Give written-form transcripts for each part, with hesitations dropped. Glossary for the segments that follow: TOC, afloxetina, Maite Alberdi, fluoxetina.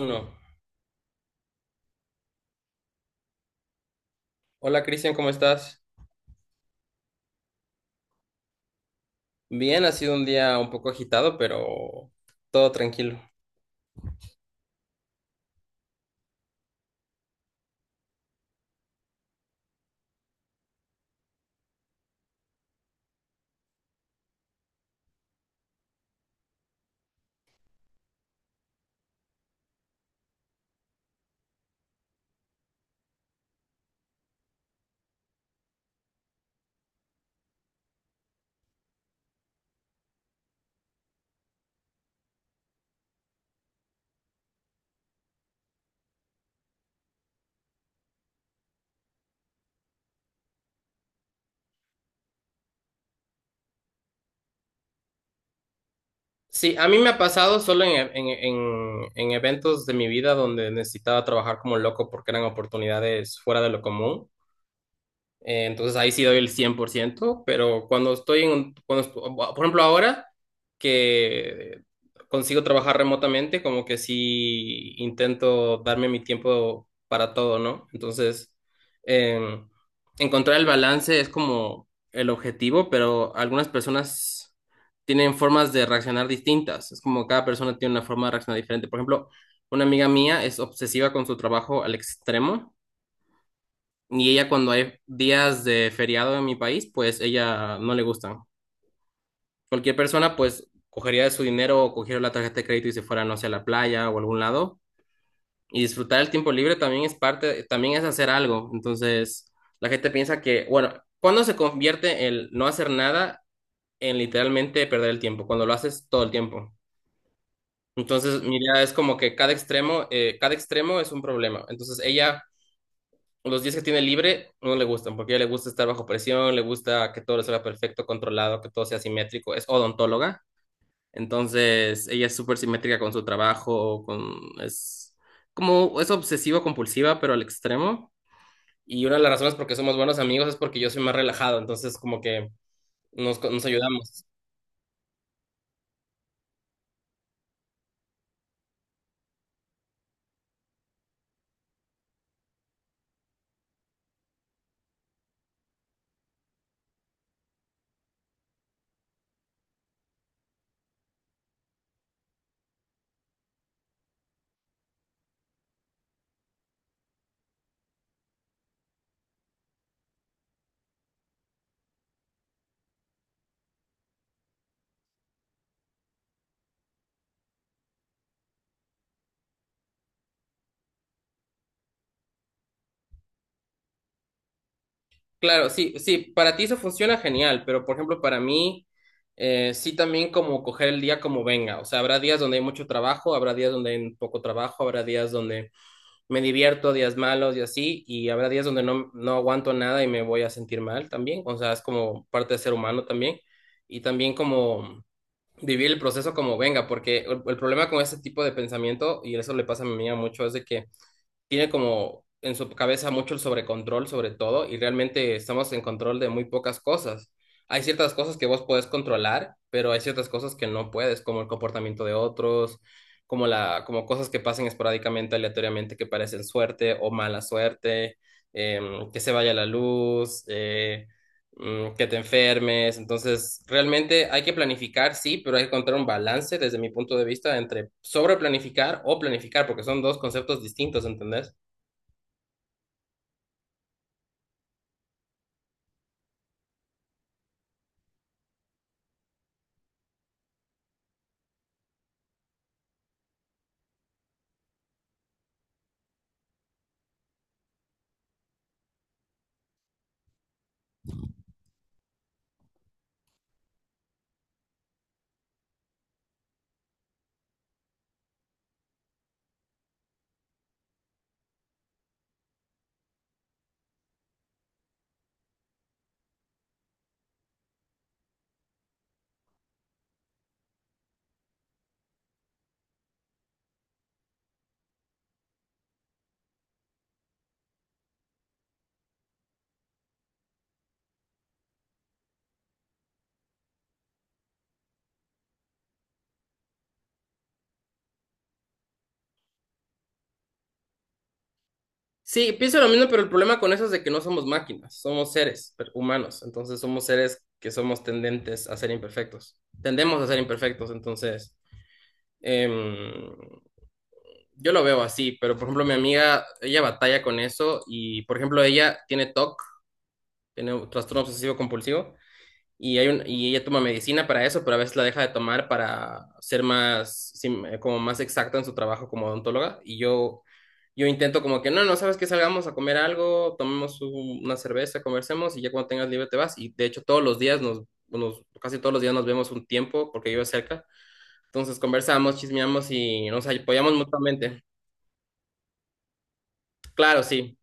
Uno. Hola Cristian, ¿cómo estás? Bien, ha sido un día un poco agitado, pero todo tranquilo. Sí, a mí me ha pasado solo en eventos de mi vida donde necesitaba trabajar como loco porque eran oportunidades fuera de lo común. Entonces ahí sí doy el cien por ciento, pero cuando estoy por ejemplo, ahora que consigo trabajar remotamente, como que sí intento darme mi tiempo para todo, ¿no? Entonces, eh, encontrar el balance es como el objetivo, pero algunas personas tienen formas de reaccionar distintas. Es como cada persona tiene una forma de reaccionar diferente. Por ejemplo, una amiga mía es obsesiva con su trabajo al extremo, y ella cuando hay días de feriado en mi país, pues ella no le gustan. Cualquier persona pues cogería su dinero o cogiera la tarjeta de crédito y se fuera, no sé, a la playa o a algún lado. Y disfrutar el tiempo libre también es parte, también es hacer algo. Entonces, la gente piensa que, bueno, ¿cuándo se convierte el no hacer nada en literalmente perder el tiempo? Cuando lo haces todo el tiempo. Entonces, mi idea es como que cada extremo es un problema. Entonces, ella los días que tiene libre no le gustan, porque a ella le gusta estar bajo presión, le gusta que todo le salga perfecto, controlado, que todo sea simétrico. Es odontóloga, entonces ella es súper simétrica con su trabajo, con, es como, es obsesivo compulsiva, pero al extremo. Y una de las razones por qué somos buenos amigos es porque yo soy más relajado, entonces como que nos ayudamos. Claro, sí, sí, para ti eso funciona genial, pero por ejemplo, para mí, sí también como coger el día como venga, o sea, habrá días donde hay mucho trabajo, habrá días donde hay poco trabajo, habrá días donde me divierto, días malos y así, y habrá días donde no, no aguanto nada y me voy a sentir mal también, o sea, es como parte de ser humano también, y también como vivir el proceso como venga, porque el problema con ese tipo de pensamiento, y eso le pasa a mi amiga mucho, es de que tiene como en su cabeza mucho el sobrecontrol sobre todo y realmente estamos en control de muy pocas cosas. Hay ciertas cosas que vos podés controlar, pero hay ciertas cosas que no puedes, como el comportamiento de otros, como la, como cosas que pasen esporádicamente, aleatoriamente, que parecen suerte o mala suerte, que se vaya la luz, que te enfermes. Entonces, realmente hay que planificar, sí, pero hay que encontrar un balance desde mi punto de vista entre sobreplanificar o planificar, porque son dos conceptos distintos, ¿entendés? Sí, pienso lo mismo, pero el problema con eso es de que no somos máquinas, somos humanos, entonces somos seres que somos tendentes a ser imperfectos, tendemos a ser imperfectos, entonces em, yo lo veo así, pero por ejemplo mi amiga, ella batalla con eso y por ejemplo ella tiene TOC, tiene un trastorno obsesivo compulsivo y, hay un, y ella toma medicina para eso, pero a veces la deja de tomar para ser más, como más exacta en su trabajo como odontóloga. Yo intento como que, no, no, sabes que salgamos a comer algo, tomemos una cerveza, conversemos y ya cuando tengas libre te vas. Y de hecho todos los días casi todos los días nos vemos un tiempo porque vive cerca. Entonces conversamos, chismeamos y nos apoyamos mutuamente. Claro, sí.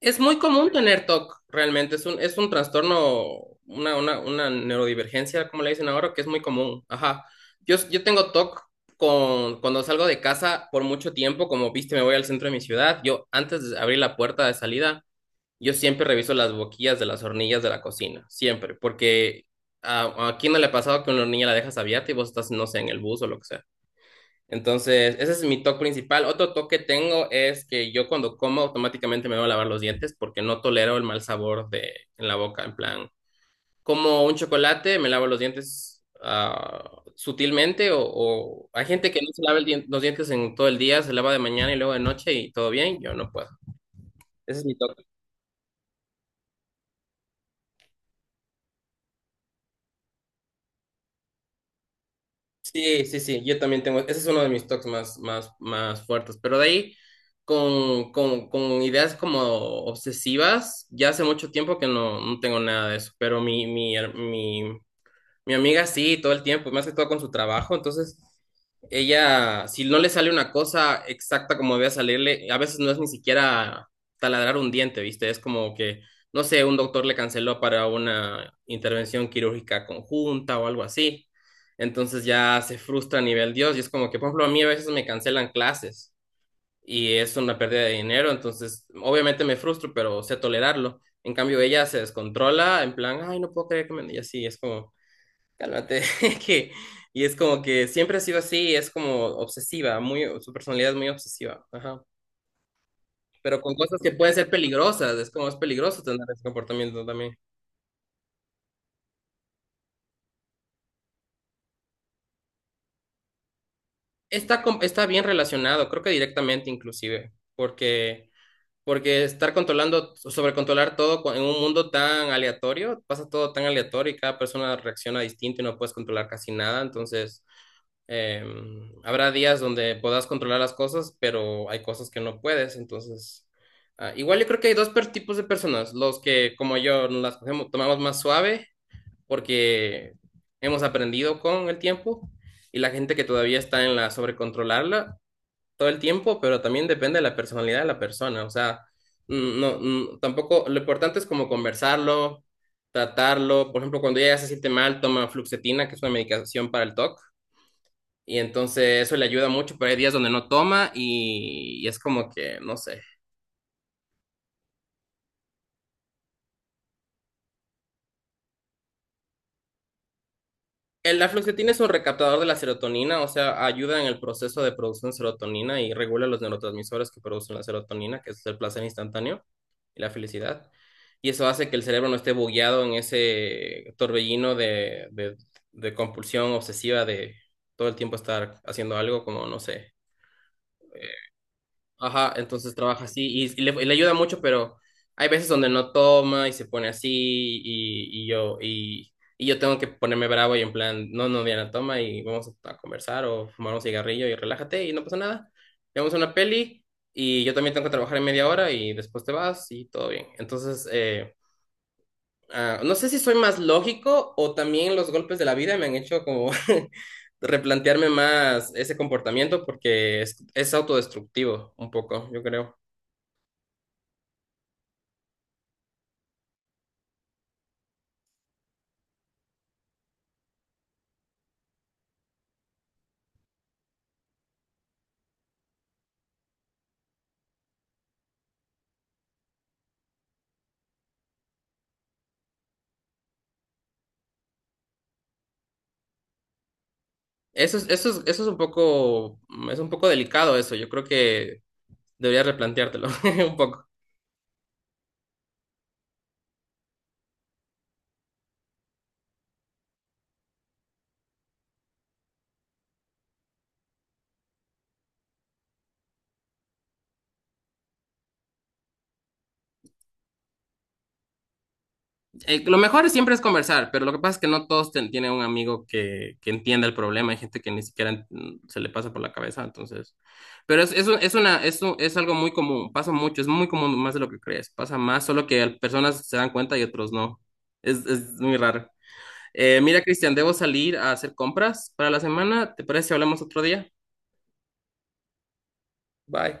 Es muy común tener TOC, realmente. Es un trastorno, una neurodivergencia, como le dicen ahora, que es muy común. Ajá. Yo tengo TOC con, cuando salgo de casa por mucho tiempo, como viste, me voy al centro de mi ciudad. Yo, antes de abrir la puerta de salida, yo siempre reviso las boquillas de las hornillas de la cocina, siempre, porque a quién no le ha pasado que una hornilla la dejas abierta y vos estás, no sé, en el bus o lo que sea. Entonces, ese es mi toque principal. Otro toque que tengo es que yo cuando como automáticamente me voy a lavar los dientes porque no tolero el mal sabor de en la boca. En plan, como un chocolate, me lavo los dientes ah, sutilmente o hay gente que no se lava los dientes en todo el día, se lava de mañana y luego de noche y todo bien. Yo no puedo. Ese es mi toque. Sí, sí, sí, yo también tengo, ese es uno de mis toques más, más, más fuertes, pero de ahí con ideas como obsesivas, ya hace mucho tiempo que no, no tengo nada de eso, pero mi amiga sí, todo el tiempo, y más que todo con su trabajo. Entonces, ella, si no le sale una cosa exacta como debe salirle, a veces no es ni siquiera taladrar un diente, ¿viste? Es como que, no sé, un doctor le canceló para una intervención quirúrgica conjunta o algo así. Entonces ya se frustra a nivel Dios y es como que, por ejemplo, a mí a veces me cancelan clases y es una pérdida de dinero, entonces obviamente me frustro, pero sé tolerarlo. En cambio, ella se descontrola en plan, ay, no puedo creer que me… Y así es como… Cálmate, que, y es como que siempre ha sido así, es como obsesiva, muy, su personalidad es muy obsesiva, ajá. Pero con cosas que pueden ser peligrosas, es como es peligroso tener ese comportamiento también. Está, está bien relacionado, creo que directamente inclusive, porque, porque estar controlando, sobrecontrolar todo en un mundo tan aleatorio, pasa todo tan aleatorio y cada persona reacciona distinto y no puedes controlar casi nada, entonces Eh, habrá días donde puedas controlar las cosas, pero hay cosas que no puedes, entonces… ah, igual yo creo que hay dos tipos de personas, los que como yo tomamos más suave porque hemos aprendido con el tiempo y la gente que todavía está en la sobrecontrolarla todo el tiempo, pero también depende de la personalidad de la persona, o sea, no, tampoco, lo importante es como conversarlo, tratarlo, por ejemplo, cuando ella ya se siente mal, toma fluoxetina, que es una medicación para el TOC y entonces eso le ayuda mucho, pero hay días donde no toma y es como que, no sé. El afloxetina es un recaptador de la serotonina, o sea, ayuda en el proceso de producción de serotonina y regula los neurotransmisores que producen la serotonina, que es el placer instantáneo y la felicidad. Y eso hace que el cerebro no esté bugueado en ese torbellino de compulsión obsesiva de todo el tiempo estar haciendo algo como, no sé, ajá, entonces trabaja así y le ayuda mucho, pero hay veces donde no toma y se pone así y yo tengo que ponerme bravo y en plan, no, no, Diana, toma y vamos a conversar o fumar un cigarrillo y relájate y no pasa nada. Vemos una peli y yo también tengo que trabajar en media hora y después te vas y todo bien. Entonces, no sé si soy más lógico o también los golpes de la vida me han hecho como replantearme más ese comportamiento porque es autodestructivo un poco, yo creo. Eso es un poco delicado eso. Yo creo que deberías replanteártelo un poco. Lo mejor siempre es conversar, pero lo que pasa es que no todos tienen un amigo que entienda el problema. Hay gente que ni siquiera se le pasa por la cabeza, entonces. Pero es, es una, es algo muy común, pasa mucho, es muy común, más de lo que crees. Pasa más, solo que personas se dan cuenta y otros no. Es muy raro. Mira, Cristian, debo salir a hacer compras para la semana. ¿Te parece si hablamos otro día? Bye.